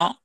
Ah,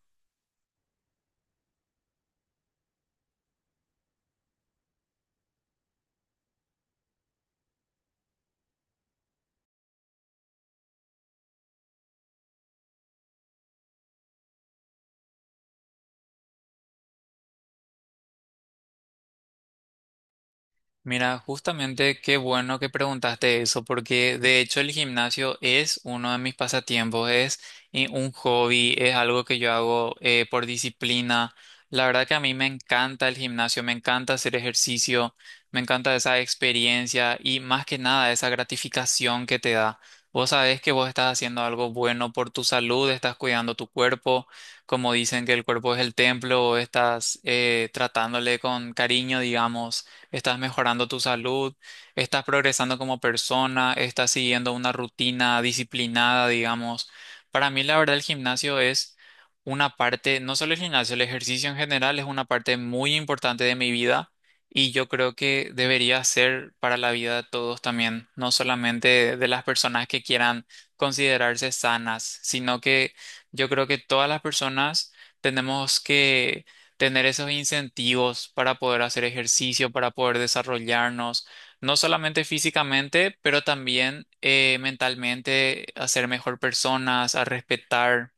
mira, justamente qué bueno que preguntaste eso, porque de hecho el gimnasio es uno de mis pasatiempos, es un hobby, es algo que yo hago por disciplina. La verdad que a mí me encanta el gimnasio, me encanta hacer ejercicio, me encanta esa experiencia y más que nada esa gratificación que te da. Vos sabés que vos estás haciendo algo bueno por tu salud, estás cuidando tu cuerpo, como dicen que el cuerpo es el templo, estás tratándole con cariño, digamos. Estás mejorando tu salud, estás progresando como persona, estás siguiendo una rutina disciplinada, digamos. Para mí, la verdad, el gimnasio es una parte, no solo el gimnasio, el ejercicio en general es una parte muy importante de mi vida y yo creo que debería ser para la vida de todos también, no solamente de las personas que quieran considerarse sanas, sino que yo creo que todas las personas tenemos que tener esos incentivos para poder hacer ejercicio, para poder desarrollarnos, no solamente físicamente, pero también mentalmente, a ser mejor personas, a respetar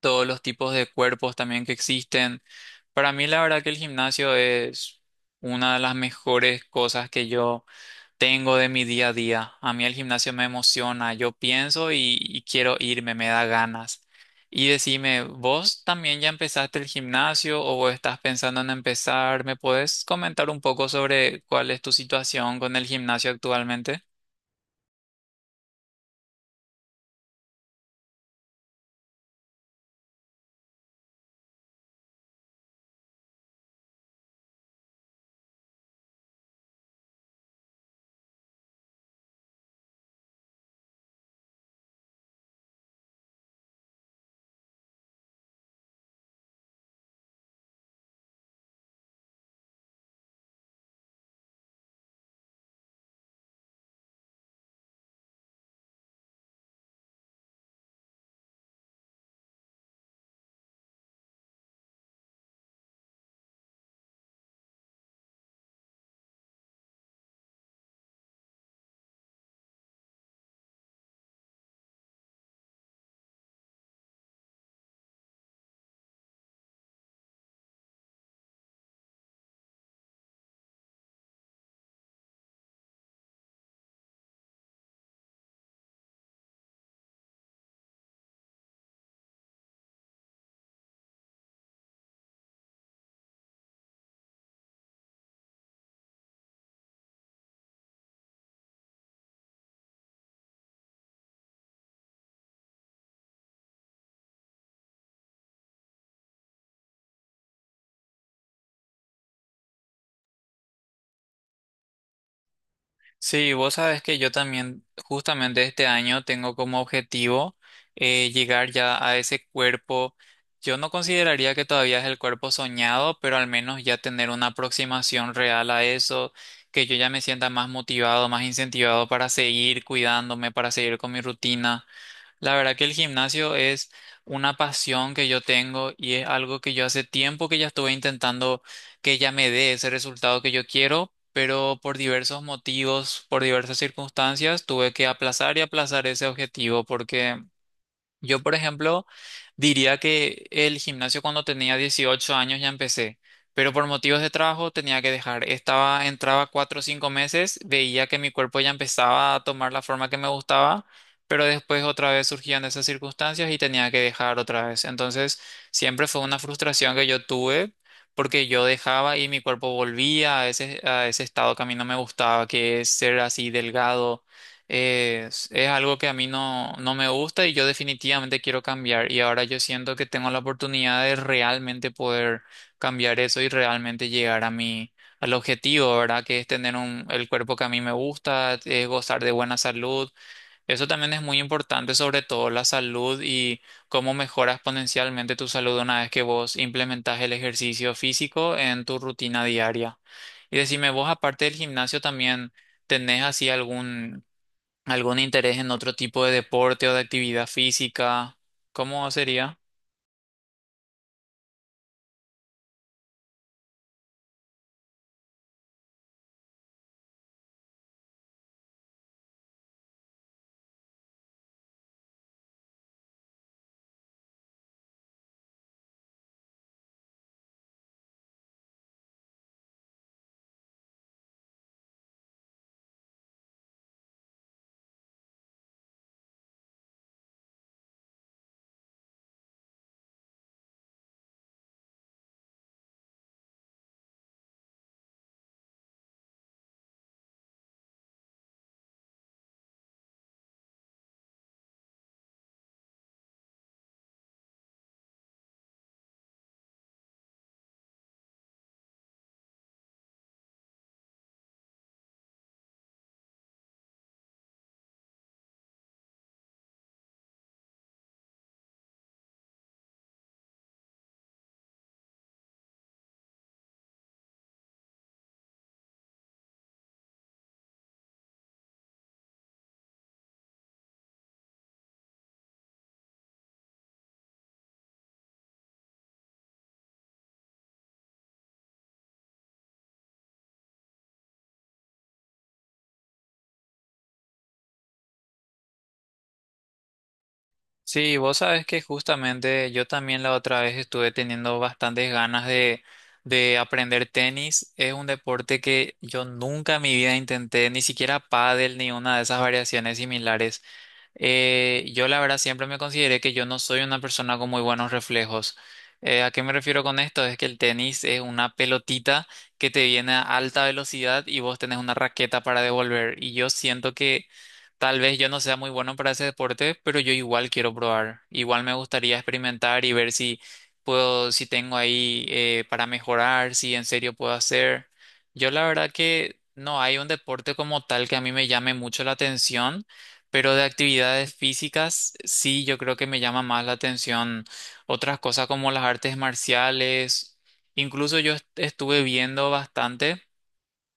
todos los tipos de cuerpos también que existen. Para mí, la verdad que el gimnasio es una de las mejores cosas que yo tengo de mi día a día. A mí el gimnasio me emociona, yo pienso y quiero irme, me da ganas. Y decime, ¿vos también ya empezaste el gimnasio o vos estás pensando en empezar? ¿Me puedes comentar un poco sobre cuál es tu situación con el gimnasio actualmente? Sí, vos sabes que yo también justamente este año tengo como objetivo llegar ya a ese cuerpo. Yo no consideraría que todavía es el cuerpo soñado, pero al menos ya tener una aproximación real a eso, que yo ya me sienta más motivado, más incentivado para seguir cuidándome, para seguir con mi rutina. La verdad que el gimnasio es una pasión que yo tengo y es algo que yo hace tiempo que ya estuve intentando que ya me dé ese resultado que yo quiero, pero por diversos motivos, por diversas circunstancias, tuve que aplazar y aplazar ese objetivo porque yo, por ejemplo, diría que el gimnasio cuando tenía 18 años ya empecé, pero por motivos de trabajo tenía que dejar. Estaba, entraba 4 o 5 meses, veía que mi cuerpo ya empezaba a tomar la forma que me gustaba, pero después otra vez surgían esas circunstancias y tenía que dejar otra vez. Entonces, siempre fue una frustración que yo tuve porque yo dejaba y mi cuerpo volvía a ese estado que a mí no me gustaba, que es ser así delgado es algo que a mí no me gusta y yo definitivamente quiero cambiar. Y ahora yo siento que tengo la oportunidad de realmente poder cambiar eso y realmente llegar a mi, al objetivo, ¿verdad? Que es tener un, el cuerpo que a mí me gusta, es gozar de buena salud. Eso también es muy importante, sobre todo la salud y cómo mejoras exponencialmente tu salud una vez que vos implementas el ejercicio físico en tu rutina diaria. Y decime, vos aparte del gimnasio también... ¿Tenés así algún ¿Algún interés en otro tipo de deporte o de actividad física? ¿Cómo sería? Sí, vos sabes que justamente yo también la otra vez estuve teniendo bastantes ganas de aprender tenis. Es un deporte que yo nunca en mi vida intenté, ni siquiera pádel ni una de esas variaciones similares. Yo la verdad siempre me consideré que yo no soy una persona con muy buenos reflejos. ¿A qué me refiero con esto? Es que el tenis es una pelotita que te viene a alta velocidad y vos tenés una raqueta para devolver. Y yo siento que tal vez yo no sea muy bueno para ese deporte, pero yo igual quiero probar. Igual me gustaría experimentar y ver si puedo, si tengo ahí para mejorar, si en serio puedo hacer. Yo la verdad que no hay un deporte como tal que a mí me llame mucho la atención. Pero de actividades físicas, sí, yo creo que me llama más la atención otras cosas como las artes marciales. Incluso yo estuve viendo bastante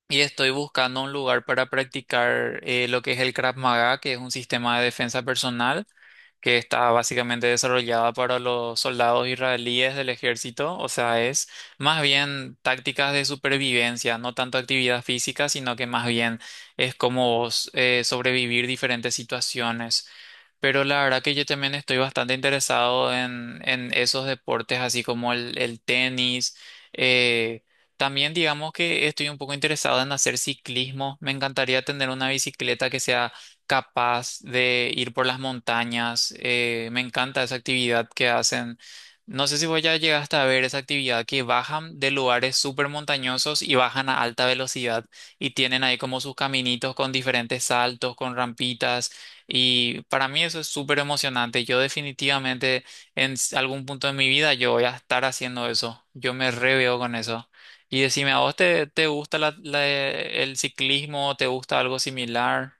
y estoy buscando un lugar para practicar lo que es el Krav Maga, que es un sistema de defensa personal que está básicamente desarrollada para los soldados israelíes del ejército, o sea, es más bien tácticas de supervivencia, no tanto actividad física, sino que más bien es como vos, sobrevivir diferentes situaciones. Pero la verdad que yo también estoy bastante interesado en esos deportes, así como el tenis. eh, También digamos que estoy un poco interesado en hacer ciclismo. Me encantaría tener una bicicleta que sea capaz de ir por las montañas. Me encanta esa actividad que hacen. No sé si voy a llegar hasta ver esa actividad que bajan de lugares súper montañosos y bajan a alta velocidad y tienen ahí como sus caminitos con diferentes saltos, con rampitas. Y para mí eso es súper emocionante. Yo definitivamente algún punto de mi vida yo voy a estar haciendo eso. Yo me reveo con eso. Y decime, ¿a vos te, te gusta el ciclismo? ¿Te gusta algo similar?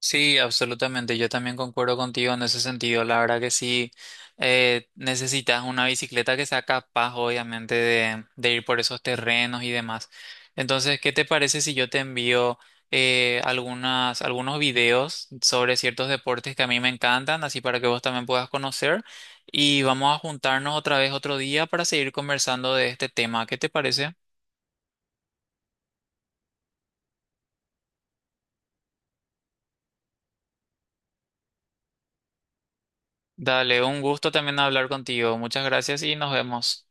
Sí, absolutamente. Yo también concuerdo contigo en ese sentido. La verdad que sí, necesitas una bicicleta que sea capaz, obviamente, de ir por esos terrenos y demás. Entonces, ¿qué te parece si yo te envío algunas, algunos videos sobre ciertos deportes que a mí me encantan, así para que vos también puedas conocer? Y vamos a juntarnos otra vez otro día para seguir conversando de este tema. ¿Qué te parece? Dale, un gusto también hablar contigo. Muchas gracias y nos vemos.